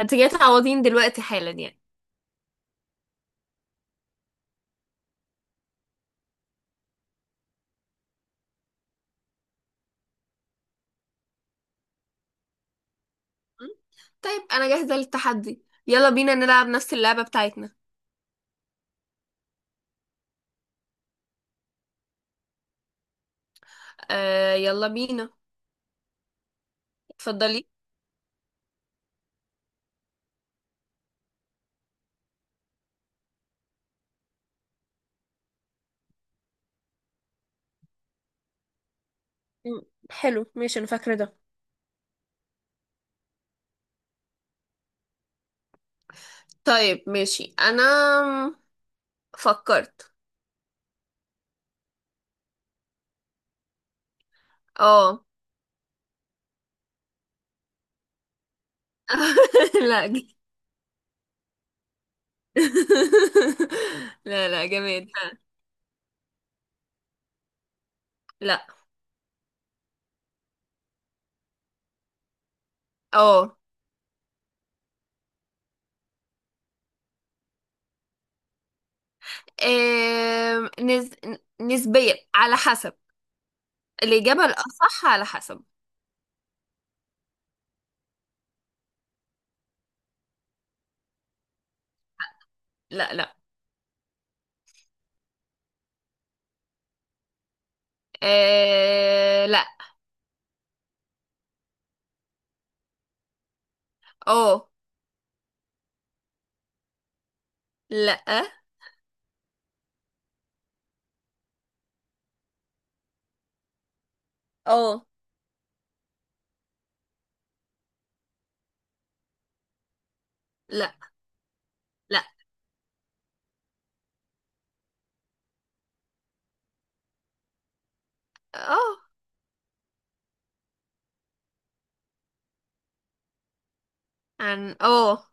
انت جاي تعوضين دلوقتي حالا يعني. م? طيب انا جاهزة للتحدي، يلا بينا نلعب نفس اللعبة بتاعتنا. آه يلا بينا. اتفضلي. م، حلو ماشي انا فاكره ده. طيب ماشي انا فكرت. اه. لا ج- لا لا جماد لا. لا. اه. آم، نز... نسبيا على حسب. الإجابة الأصح على حسب. لا لا. آه لا. اه. لا. اه. لا لا. اه. عن اه.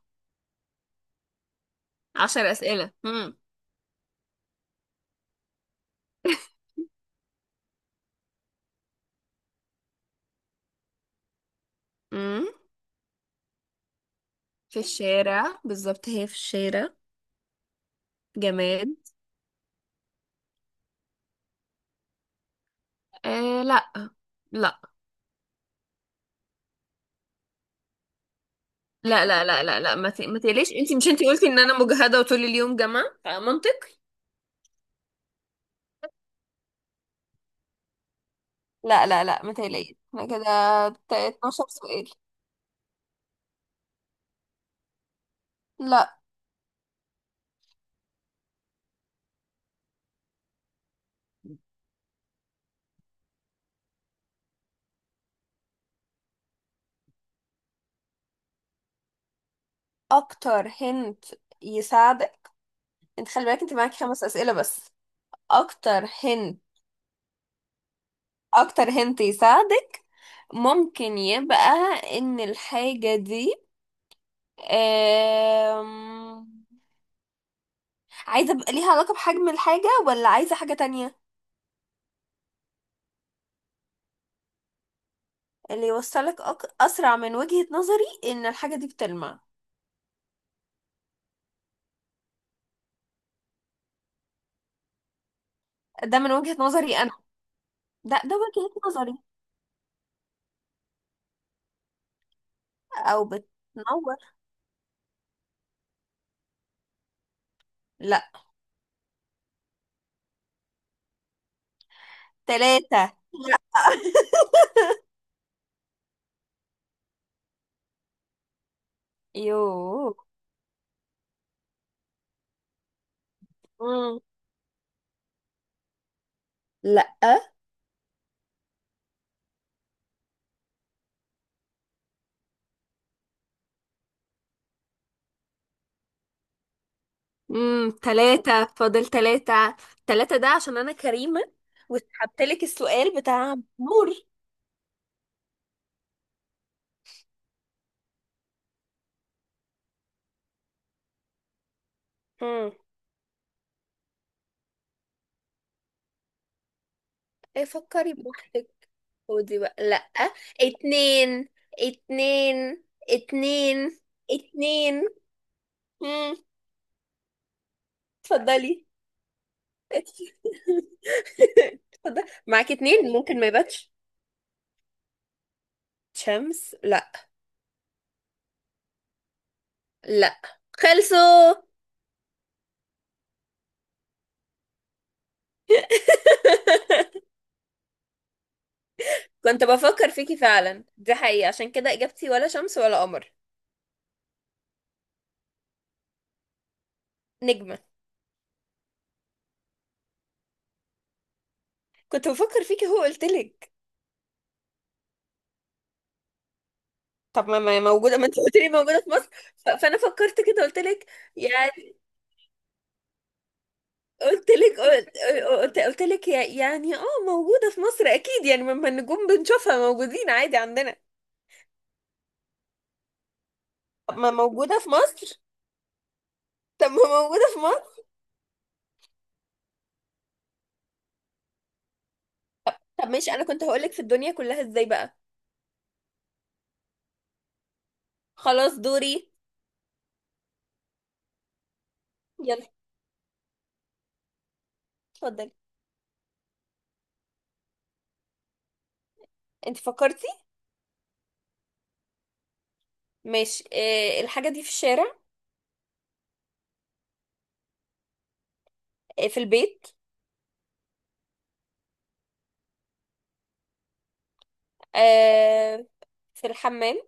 عشر أسئلة. مم. مم. في الشارع بالظبط هي في الشارع. جماد. آه لا. لا. لا لا لا لا لا ما تقليش، انت مش انت قلتي ان انا مجهدة وطول اليوم جامعة فمنطقي. لا لا لا ما تقلقيش احنا كده. 12 سؤال. لا. اكتر هنت يساعدك. انت خلي بالك انت معاكي خمس اسئله بس. اكتر هنت. اكتر هنت يساعدك. ممكن يبقى ان الحاجة دي أم... عايزة بقى ليها علاقة بحجم الحاجة، ولا عايزة حاجة تانية. اللي يوصلك أسرع من وجهة نظري إن الحاجة دي بتلمع. ده من وجهة نظري أنا. ده وجهة نظري. أو بتنور. لا. تلاتة. يوه. مم. لا. امم. تلاتة، فاضل تلاتة. تلاتة ده عشان أنا كريمة وسحبتلك السؤال بتاع نور. مم. ايه فكري بوحدك. خدي بقى لا. اتنين. اتنين. اتنين. اتنين. مم. اتفضلي. اتفضلي، معاكي اتنين ممكن ما يباتش. شمس لا. لا. خلصوا. كنت بفكر فيكي فعلا، دي حقيقة، عشان كده اجابتي ولا شمس ولا قمر. نجمة. كنت بفكر فيكي هو قلتلك. طب ما موجودة، ما انت قلت لي موجودة في مصر. فانا فكرت كده قلت لك. يا. قلت لك. قلت لك، يعني اه موجودة في مصر اكيد يعني. ما النجوم بنشوفها موجودين عادي عندنا. طب ما موجودة في مصر. طب ما موجودة في مصر. طب ماشي، انا كنت هقولك في الدنيا كلها ازاي بقى. خلاص دوري. يلا. اتفضلي. انت فكرتي؟ ماشي اه. الحاجة دي في الشارع. اه في البيت. اه في الحمام.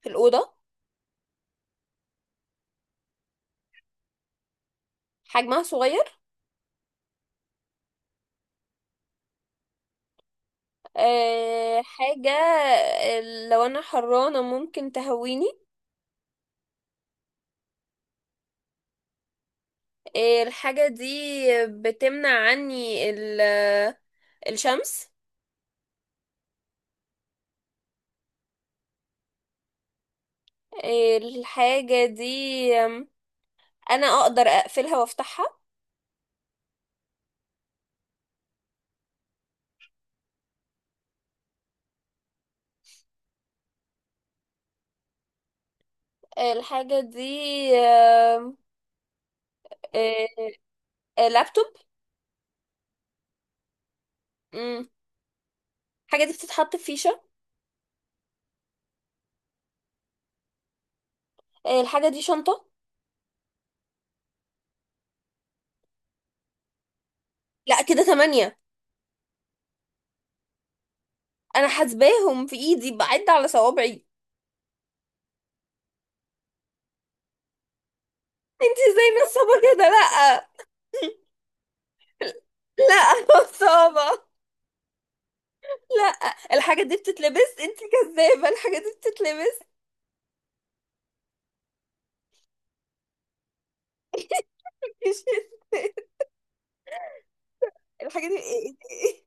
في الأوضة. حجمها صغير. اه. حاجة آه، لو انا حرانة ممكن تهويني. إيه، الحاجة دي بتمنع عني الشمس. إيه، الحاجة دي، أم، أنا أقدر أقفلها وأفتحها. إيه، الحاجة دي. إيه، إيه، لابتوب. مم. الحاجة دي بتتحط في فيشة. إيه، الحاجة دي شنطة. لا كده تمانية. أنا حاسباهم في إيدي بعد على صوابعي. انت ازاي نصابة كده. لا لا نصابة. لا. الحاجة دي بتتلبس، انت كذابة، الحاجة دي بتتلبس. مش الحاجة دي.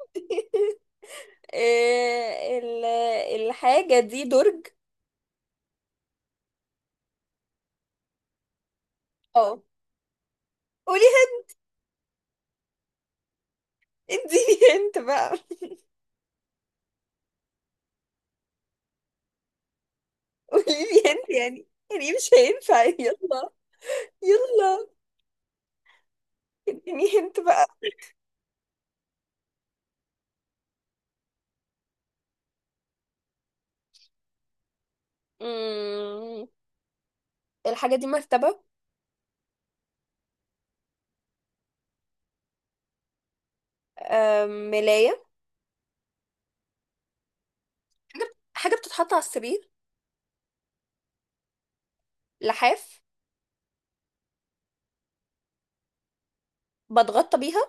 إيه ال- الحاجة دي درج. اه قولي. هنت اديني. هنت بقى. قولي لي هنت، يعني يعني مش هينفع، يلا. يلا اديني هنت بقى. مم. الحاجة دي مرتبة. آم، ملاية. حاجة بتتحط على السرير. لحاف. بتغطى بيها.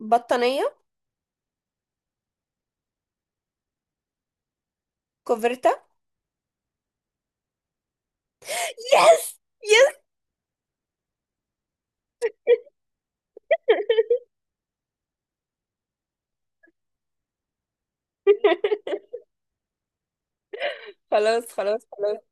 بطانية. كوفرتا. يس يس. خلاص خلاص خلاص.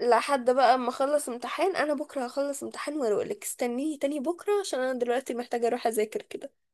لحد بقى ما اخلص امتحان، انا بكره هخلص امتحان واروح لك، استنيني تاني بكره عشان انا دلوقتي محتاجه اروح اذاكر كده.